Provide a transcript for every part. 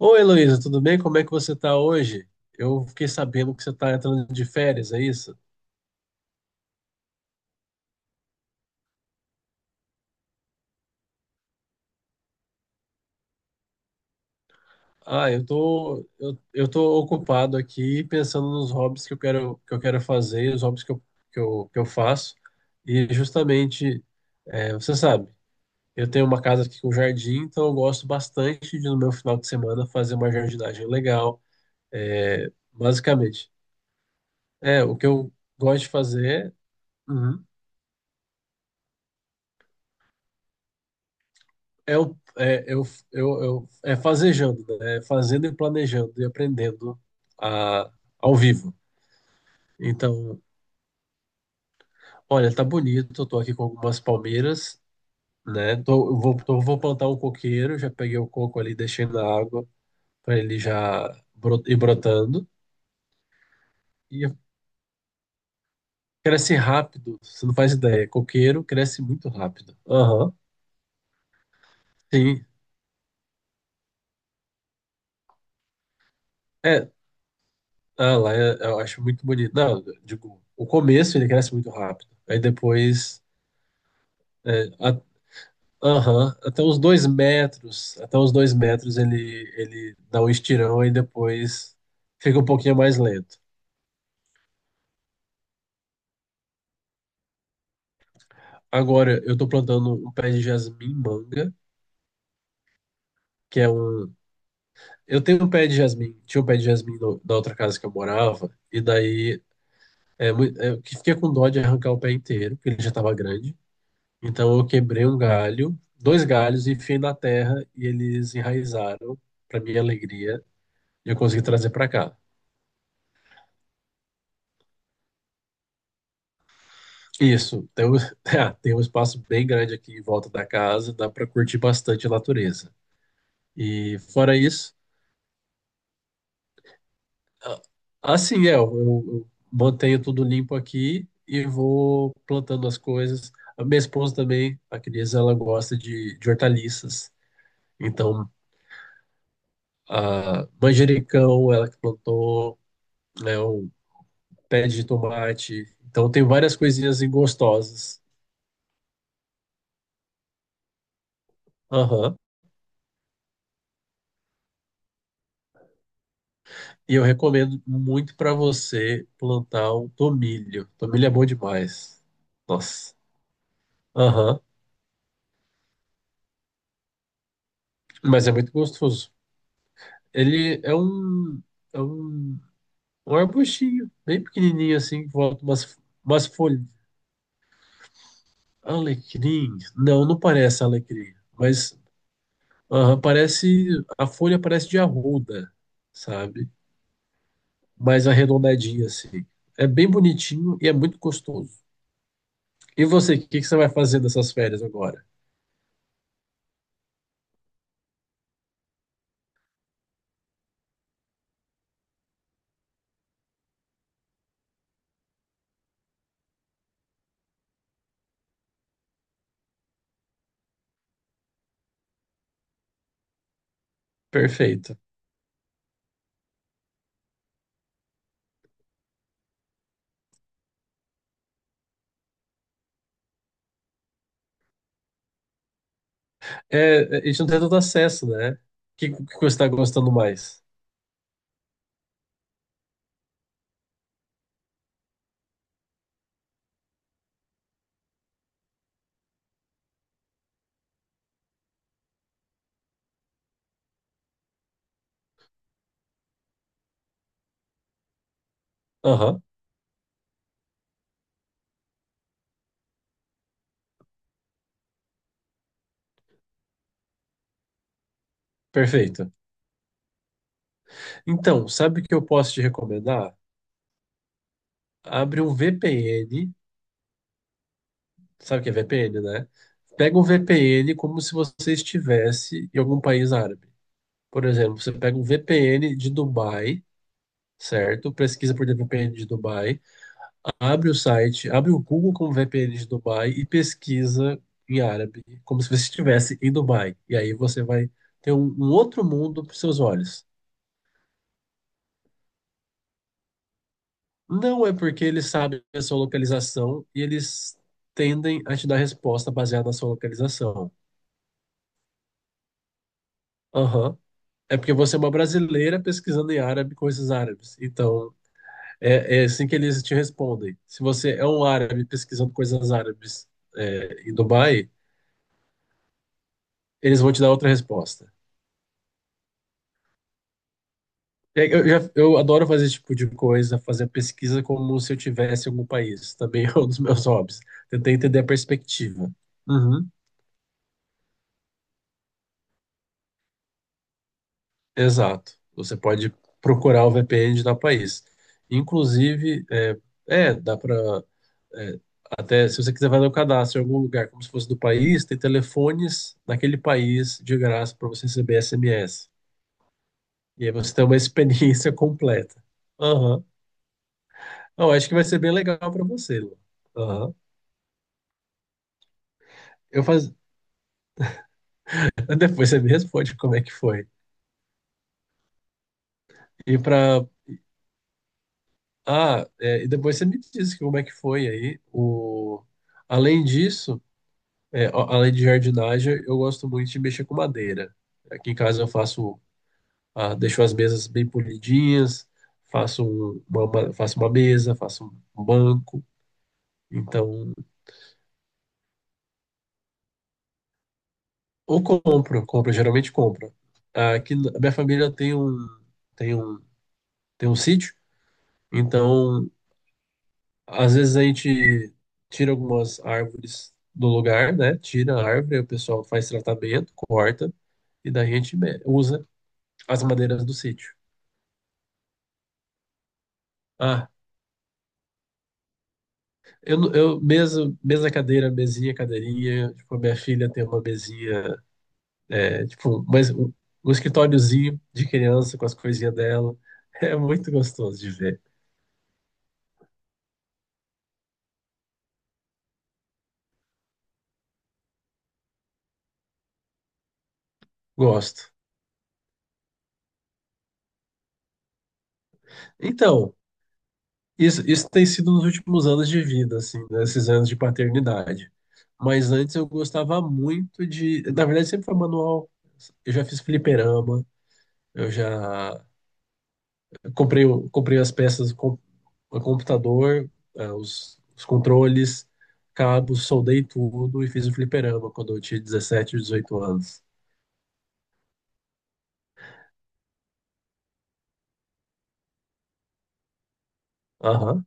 Oi, Heloísa, tudo bem? Como é que você tá hoje? Eu fiquei sabendo que você tá entrando de férias, é isso? Ah, eu tô, eu tô ocupado aqui pensando nos hobbies que eu quero fazer, os hobbies que eu faço. E justamente, você sabe, eu tenho uma casa aqui com jardim, então eu gosto bastante de, no meu final de semana, fazer uma jardinagem legal. É, basicamente, o que eu gosto de fazer. Uhum. É, o, é, eu, é fazejando, né? É fazendo e planejando e aprendendo a, ao vivo. Então, olha, tá bonito, eu tô aqui com algumas palmeiras, né? Tô, eu vou, tô- vou plantar um coqueiro, já peguei o coco ali, deixei na água para ele já ir brotando. E cresce rápido, você não faz ideia. Coqueiro cresce muito rápido. Aham, sim. É, ah, lá eu, acho muito bonito. Não, eu digo, o começo ele cresce muito rápido. Aí depois. É, aham, até os 2 metros, até os dois metros ele, ele dá um estirão e depois fica um pouquinho mais lento. Agora eu tô plantando um pé de jasmim manga, que é um. Eu tenho um pé de jasmim, tinha um pé de jasmim no, na outra casa que eu morava, e daí é, eu que fiquei com dó de arrancar o pé inteiro, porque ele já tava grande. Então eu quebrei um galho, dois galhos, e enfiei na terra e eles enraizaram, pra minha alegria, e eu consegui trazer pra cá. Isso, é, tem um espaço bem grande aqui em volta da casa, dá para curtir bastante a natureza. E fora isso, a- assim é, eu mantenho tudo limpo aqui e vou plantando as coisas. A minha esposa também, a Cris, ela gosta de hortaliças. Então, a manjericão, ela que plantou, né, o pé de tomate. Então, tem várias coisinhas assim, gostosas. Aham. E eu recomendo muito para você plantar um tomilho. Tomilho é bom demais. Nossa. Aham. Mas é muito gostoso. Ele é um, um arbustinho, bem pequenininho assim, que volta umas, umas folhas. Alecrim? Não, não parece alecrim. Mas aham, parece. A folha parece de arruda, sabe? Mais arredondadinha assim. É bem bonitinho e é muito gostoso. E você, o que que você vai fazer nessas férias agora? Perfeito. É, a gente não tem tanto acesso, né? O que, que você está gostando mais? Aham, perfeito. Então, sabe o que eu posso te recomendar? Abre um VPN, sabe o que é VPN, né? Pega um VPN como se você estivesse em algum país árabe. Por exemplo, você pega um VPN de Dubai, certo? Pesquisa por VPN de Dubai. Abre o site, abre o Google com VPN de Dubai e pesquisa em árabe, como se você estivesse em Dubai. E aí você vai um outro mundo para seus olhos. Não é porque eles sabem a sua localização e eles tendem a te dar resposta baseada na sua localização. Aham. É porque você é uma brasileira pesquisando em árabe coisas árabes. Então, é assim que eles te respondem. Se você é um árabe pesquisando coisas árabes, é, em Dubai, eles vão te dar outra resposta. É, eu adoro fazer esse tipo de coisa, fazer pesquisa como se eu tivesse em algum país. Também é um dos meus hobbies. Tentei entender a perspectiva. Uhum. Exato. Você pode procurar o VPN de tal país. Inclusive, dá para até se você quiser fazer o cadastro em algum lugar, como se fosse do país, tem telefones naquele país de graça para você receber SMS. E aí você tem uma experiência completa. Aham. Não, acho que vai ser bem legal para você, Lu. Aham. Eu faz... Depois você me responde como é que foi. E para e depois você me diz como é que foi aí. O... Além disso, é, além de jardinagem, eu gosto muito de mexer com madeira. Aqui em casa eu faço, ah, deixo as mesas bem polidinhas, faço uma mesa, faço um banco. Então, ou compro, geralmente compro. A minha família tem um, tem um sítio, então às vezes a gente tira algumas árvores do lugar, né? Tira a árvore, o pessoal faz tratamento, corta, e daí a gente usa as madeiras do sítio. Ah, eu, não- eu mesa, mesa, cadeira, mesinha, cadeirinha. Tipo, a minha filha tem uma mesinha, é, tipo, um escritóriozinho de criança com as coisinhas dela. É muito gostoso de ver. Gosto. Então. Isso tem sido nos últimos anos de vida, assim, nesses anos de paternidade. Mas antes eu gostava muito de. Na verdade, sempre foi manual. Eu já fiz fliperama, eu já comprei as peças com o computador, os controles, cabos, soldei tudo e fiz o fliperama quando eu tinha 17 ou 18 anos. Aham,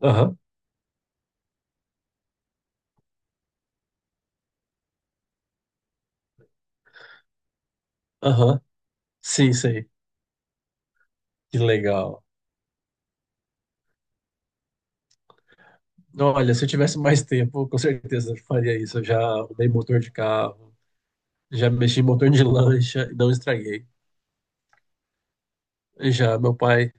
aham, aham. Sim, sei. Que legal. Olha, se eu tivesse mais tempo, com certeza eu faria isso. Eu já arrumei motor de carro, já mexi em motor de lancha e não estraguei. Já meu pai,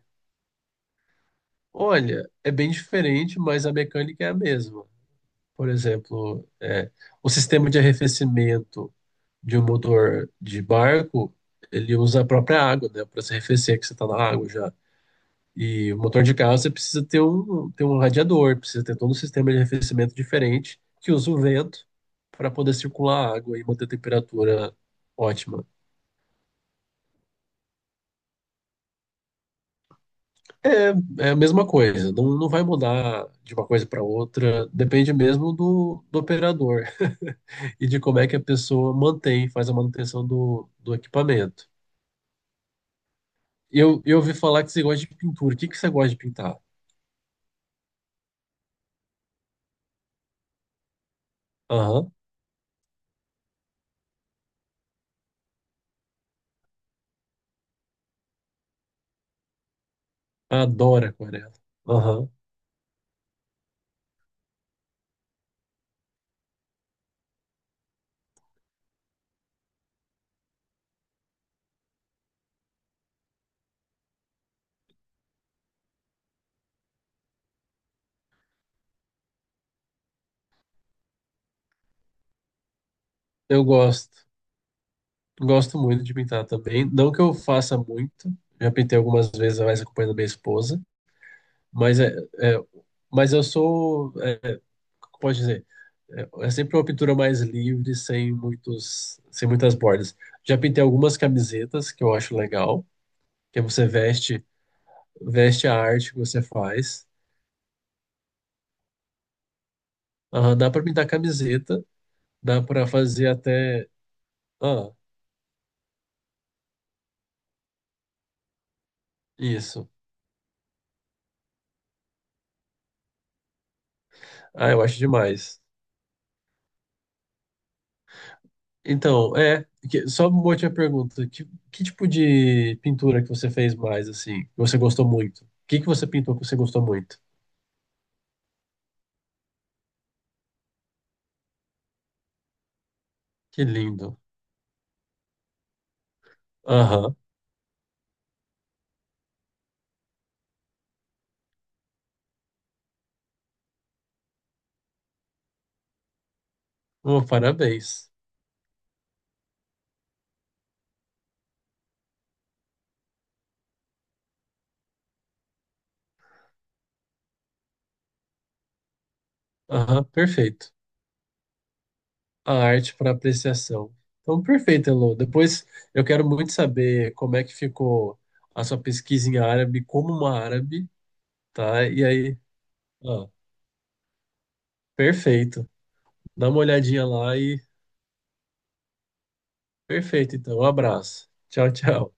olha, é bem diferente, mas a mecânica é a mesma. Por exemplo, é, o sistema de arrefecimento de um motor de barco, ele usa a própria água, né, para se arrefecer, que você está na água já. E o motor de carro, você precisa ter um radiador, precisa ter todo um sistema de arrefecimento diferente, que usa o vento para poder circular a água e manter a temperatura ótima. É, é a mesma coisa, não, não vai mudar de uma coisa para outra, depende mesmo do operador e de como é que a pessoa mantém, faz a manutenção do equipamento. Eu ouvi falar que você gosta de pintura. O que que você gosta de pintar? Aham, adoro aquarela. Aham, eu gosto, gosto muito de pintar também. Não que eu faça muito, já pintei algumas vezes, mais acompanhando minha esposa, mas, é, mas eu sou, é, como pode dizer? É sempre uma pintura mais livre, sem muitas bordas. Já pintei algumas camisetas que eu acho legal, que você veste, veste a arte que você faz. Ah, dá para pintar camiseta, dá para fazer até, ah, isso. Ah, eu acho demais. Então, só uma última pergunta, que tipo de pintura que você fez mais assim, que você gostou muito? O que que você pintou que você gostou muito? Que lindo. Aham. Oh, parabéns. Aham, perfeito. A arte para apreciação. Então, perfeito, Elô. Depois eu quero muito saber como é que ficou a sua pesquisa em árabe, como uma árabe, tá? E aí, ó, perfeito. Dá uma olhadinha lá e perfeito, então. Um abraço. Tchau, tchau.